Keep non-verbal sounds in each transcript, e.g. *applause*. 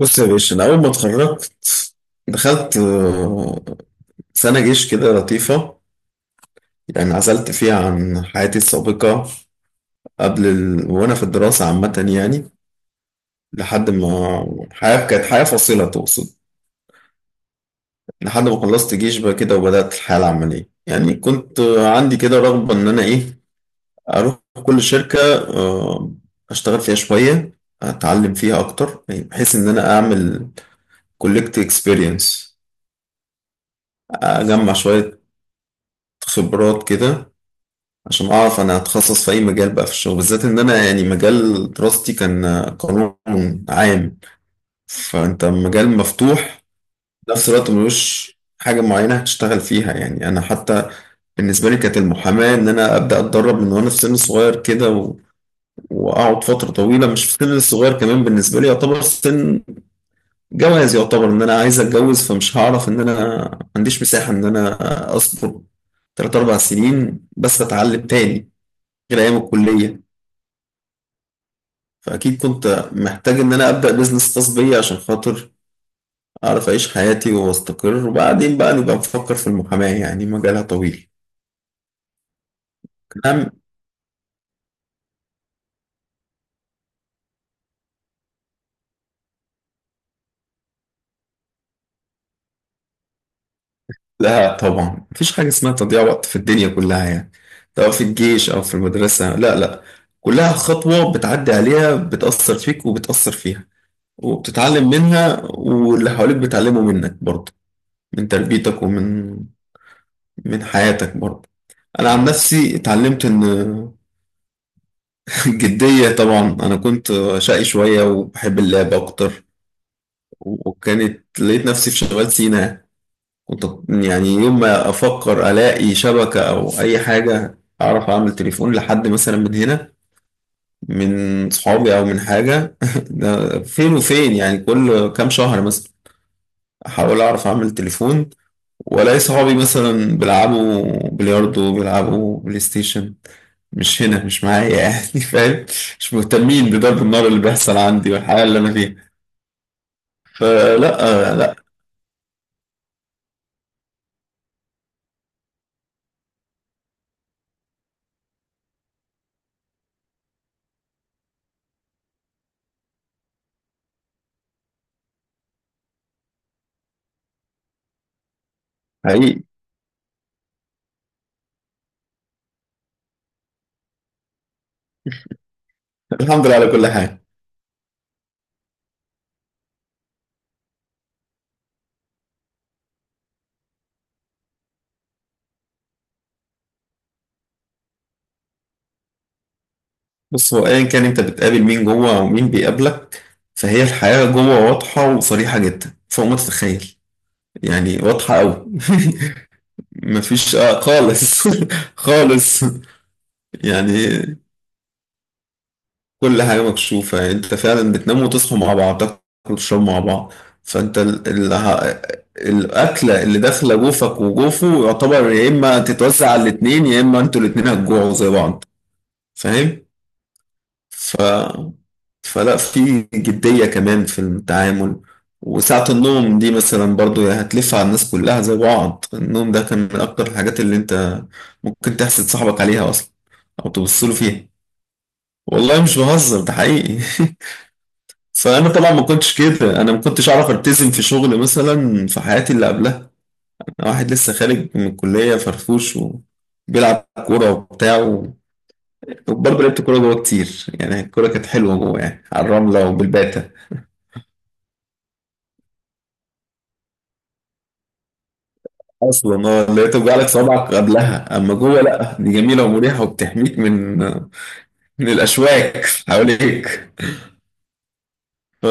بص يا باشا، أنا أول ما اتخرجت دخلت سنة جيش كده لطيفة. يعني عزلت فيها عن حياتي السابقة قبل وأنا في الدراسة عامة يعني لحد ما حياة كانت حياة فاصلة تقصد. لحد ما خلصت جيش بقى كده وبدأت الحياة العملية يعني كنت عندي كده رغبة إن أنا إيه أروح كل شركة آه، أشتغل فيها شوية أتعلم فيها أكتر، يعني بحيث إن أنا أعمل كولكت إكسبيرينس أجمع شوية خبرات كده عشان اعرف انا هتخصص في اي مجال بقى في الشغل، بالذات ان انا يعني مجال دراستي كان قانون عام. فانت مجال مفتوح في نفس الوقت ملوش حاجة معينة هتشتغل فيها، يعني انا حتى بالنسبة لي كانت المحاماة ان انا ابدا اتدرب من وانا في سن صغير كده واقعد فترة طويلة. مش في سن صغير كمان، بالنسبة لي يعتبر سن جواز، يعتبر ان انا عايز اتجوز فمش هعرف ان انا ما عنديش مساحة ان انا اصبر تلات أربع سنين بس أتعلم تاني غير أيام الكلية. فأكيد كنت محتاج إن أنا أبدأ بيزنس خاص بيا عشان خاطر أعرف أعيش حياتي وأستقر، وبعدين بقى نبقى نفكر في المحاماة يعني مجالها طويل كلام. لا طبعا، مفيش حاجة اسمها تضييع وقت في الدنيا كلها يعني، سواء في الجيش أو في المدرسة. لا لا، كلها خطوة بتعدي عليها بتأثر فيك وبتأثر فيها وبتتعلم منها، واللي حواليك بيتعلموا منك برضه، من تربيتك ومن حياتك برضه. أنا عن نفسي اتعلمت إن الجدية طبعا. أنا كنت شقي شوية وبحب اللعب أكتر، وكانت لقيت نفسي في شمال سيناء. كنت يعني يوم ما أفكر ألاقي شبكة أو أي حاجة أعرف أعمل تليفون لحد مثلا من هنا، من صحابي أو من حاجة *laughs* ده فين وفين، يعني كل كام شهر مثلا أحاول أعرف أعمل تليفون، وألاقي صحابي مثلا بيلعبوا بلياردو بيلعبوا بلاي ستيشن مش هنا مش معايا يعني *laughs* فاهم؟ مش مهتمين بضرب النار اللي بيحصل عندي والحياة اللي أنا فيها. فلا لا. حقيقي. الحمد لله على كل حاجة. بص، هو أيا كان أنت بتقابل مين جوه ومين بيقابلك، فهي الحياة جوه واضحة وصريحة جدا فوق ما تتخيل. يعني واضحة أوي *laughs* مفيش خالص *laughs* خالص. يعني كل حاجة مكشوفة، يعني انت فعلا بتنام وتصحوا مع بعض، تاكلوا وتشربوا مع بعض. فانت الأكلة اللي داخلة جوفك وجوفه يعتبر يا إما تتوزع على الاتنين يا إما انتوا الاتنين هتجوعوا زي بعض. فاهم؟ ف... فلا، في جدية كمان في التعامل. وساعة النوم دي مثلا برضو هتلف على الناس كلها زي بعض، النوم ده كان من أكتر الحاجات اللي انت ممكن تحسد صاحبك عليها أصلا أو تبص له فيها. والله مش بهزر، ده حقيقي *laughs* فانا طبعا ما كنتش كده، انا ما كنتش اعرف التزم في شغل مثلا في حياتي اللي قبلها. انا واحد لسه خارج من الكليه فرفوش وبيلعب كوره وبتاع وبرضه لعبت كوره جوه كتير، يعني الكوره كانت حلوه جوه يعني، على الرمله وبالباته. اصلا اللي هي توجع لك صوابعك قبلها، اما جوه لا، دي جميله ومريحه وبتحميك من الاشواك حواليك. ف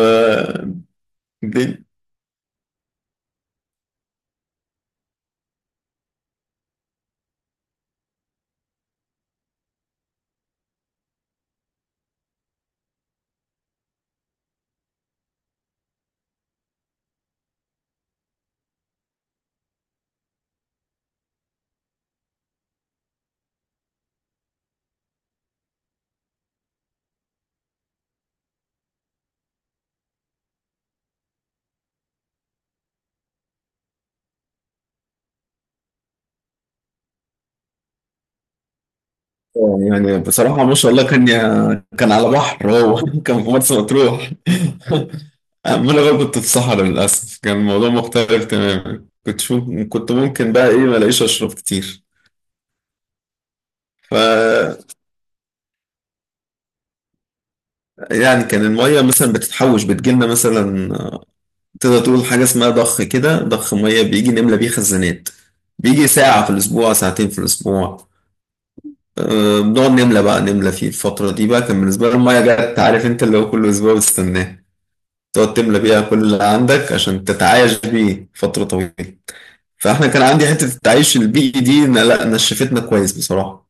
يعني بصراحة ما شاء الله، كان كان على بحر هو *laughs* كان في مرسى مطروح *laughs* أما أنا بقى كنت في صحراء للأسف، كان الموضوع مختلف تماما. كنت شو كنت ممكن بقى إيه، ما ألاقيش أشرب كتير. ف يعني كان المية مثلا بتتحوش، بتجيلنا مثلا تقدر تقول حاجة اسمها ضخ كده، ضخ مية بيجي نملى بيه خزانات، بيجي ساعة في الأسبوع ساعتين في الأسبوع. بنقعد نملى بقى، نملى فيه الفترة دي بقى. كان بالنسبة لي المية جت عارف أنت، اللي هو كل أسبوع بستناه تقعد تملى بيها كل اللي عندك عشان تتعايش بيه فترة طويلة. فاحنا كان عندي حتة التعايش البيئي دي لا نشفتنا كويس بصراحة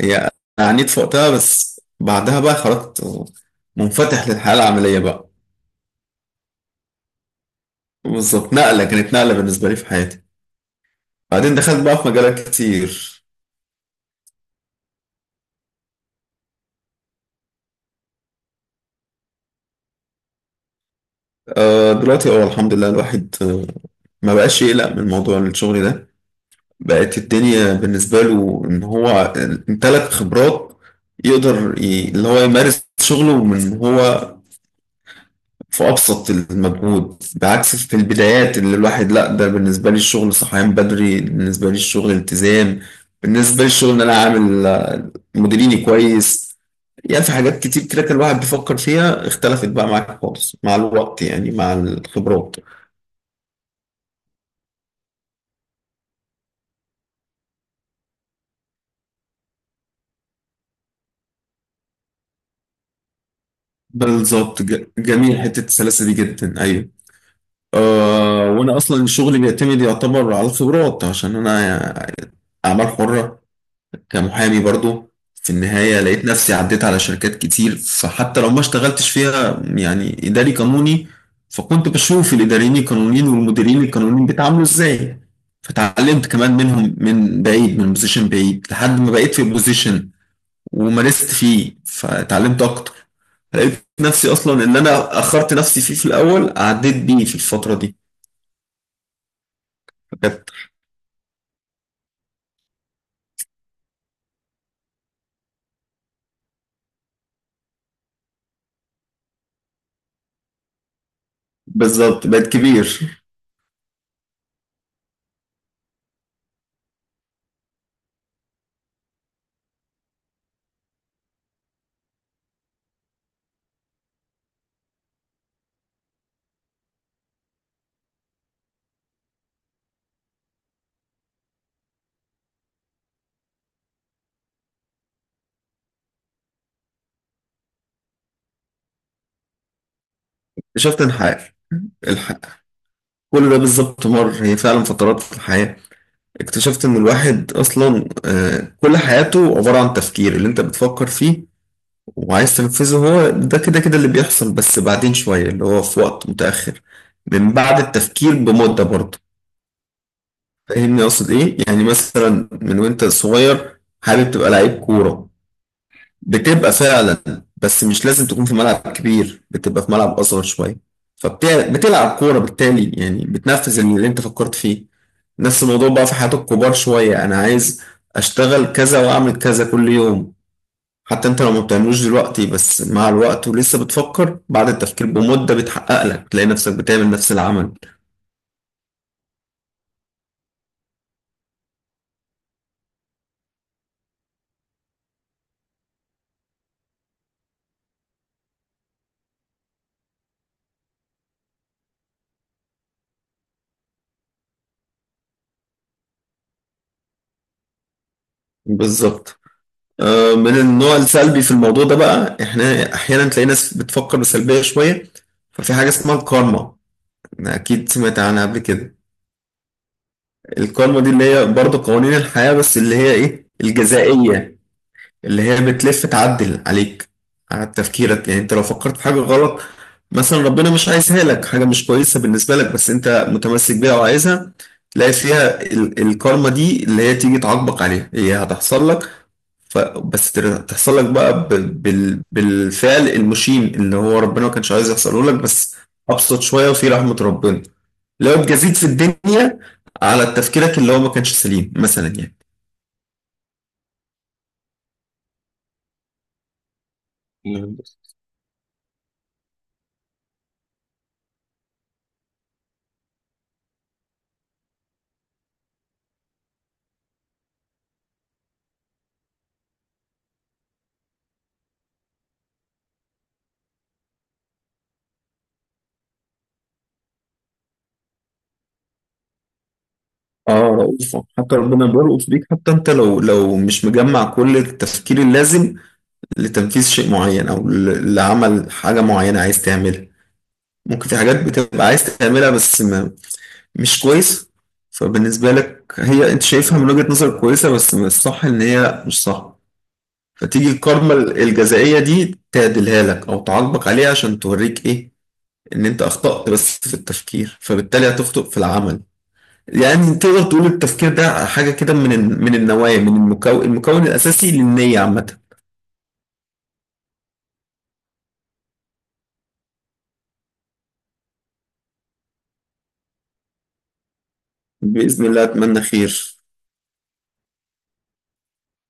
هي، أنا عانيت في وقتها بس بعدها بقى خرجت منفتح للحياة العملية بقى. بالظبط، نقلة كانت نقلة بالنسبة لي في حياتي. بعدين دخلت بقى في مجالات كتير. دلوقتي الحمد لله الواحد ما بقاش يقلق من موضوع الشغل ده. بقت الدنيا بالنسبة له إن هو امتلك خبرات يقدر اللي هو يمارس شغله من هو في أبسط المجهود، بعكس في البدايات اللي الواحد لأ. ده بالنسبة لي الشغل صحيان بدري، بالنسبة لي الشغل التزام، بالنسبة لي الشغل إن أنا عامل مديريني كويس. يعني في حاجات كتير كده كان الواحد بيفكر فيها اختلفت بقى معاك خالص مع الوقت، يعني مع الخبرات. بالظبط، جميل حتة السلاسة دي جدا، أيوه. آه، وانا اصلا شغلي بيعتمد يعتبر على الخبرات عشان انا اعمال حرة كمحامي برضو. في النهاية لقيت نفسي عديت على شركات كتير، فحتى لو ما اشتغلتش فيها يعني اداري قانوني، فكنت بشوف الاداريين القانونيين والمديرين القانونيين بيتعاملوا ازاي. فتعلمت كمان منهم من بعيد، من بوزيشن بعيد، لحد ما بقيت في بوزيشن ومارست فيه فتعلمت اكتر. لقيت نفسي اصلا ان انا اخرت نفسي فيه، في الاول عديت بيه في الفترة دي فكانت بالظبط، بقت كبير. اكتشفت الحياة، الحياة كل ده بالظبط مر. هي فعلا فترات في الحياة، اكتشفت ان الواحد اصلا كل حياته عبارة عن تفكير اللي انت بتفكر فيه وعايز تنفذه. هو ده كده كده اللي بيحصل، بس بعدين شوية اللي هو في وقت متأخر، من بعد التفكير بمدة برضه. فاهمني اقصد ايه؟ يعني مثلا من وانت صغير حابب تبقى لعيب كورة بتبقى فعلا، بس مش لازم تكون في ملعب كبير، بتبقى في ملعب أصغر شوية فبتلعب كورة، بالتالي يعني بتنفذ اللي انت فكرت فيه. نفس الموضوع بقى في حياة الكبار شوية، أنا عايز أشتغل كذا وأعمل كذا كل يوم. حتى أنت لو ما بتعملوش دلوقتي بس مع الوقت ولسه بتفكر، بعد التفكير بمدة بتحقق لك تلاقي نفسك بتعمل نفس العمل. بالظبط. من النوع السلبي في الموضوع ده بقى، إحنا أحيانا تلاقي ناس بتفكر بسلبية شوية، ففي حاجة اسمها الكارما أكيد سمعت عنها قبل كده. القانون دي اللي هي برضه قوانين الحياة، بس اللي هي إيه الجزائية اللي هي بتلف تعدل عليك على تفكيرك. يعني أنت لو فكرت في حاجة غلط، مثلا ربنا مش عايزها لك، حاجة مش كويسة بالنسبة لك، بس أنت متمسك بيها وعايزها، تلاقي فيها الكارما دي اللي هي تيجي تعاقبك عليها، هي هتحصل لك. بس تحصل لك بقى بالفعل المشين اللي هو ربنا ما كانش عايز يحصله لك، بس أبسط شوية وفي رحمة ربنا لو اتجازيت في الدنيا على تفكيرك اللي هو ما كانش سليم مثلا يعني. اه رؤوفة، حتى ربنا بيرؤوف بيك. حتى انت لو مش مجمع كل التفكير اللازم لتنفيذ شيء معين، او لعمل حاجة معينة عايز تعملها، ممكن في حاجات بتبقى عايز تعملها بس ما مش كويس. فبالنسبة لك هي انت شايفها من وجهة نظر كويسة، بس من الصح ان هي مش صح. فتيجي الكارما الجزائية دي تعدلها لك او تعاقبك عليها عشان توريك ايه، ان انت اخطأت بس في التفكير، فبالتالي هتخطئ في العمل. يعني تقدر تقول التفكير ده حاجة كده من النوايا، من المكون المكون الأساسي للنية عامة. بإذن الله أتمنى خير.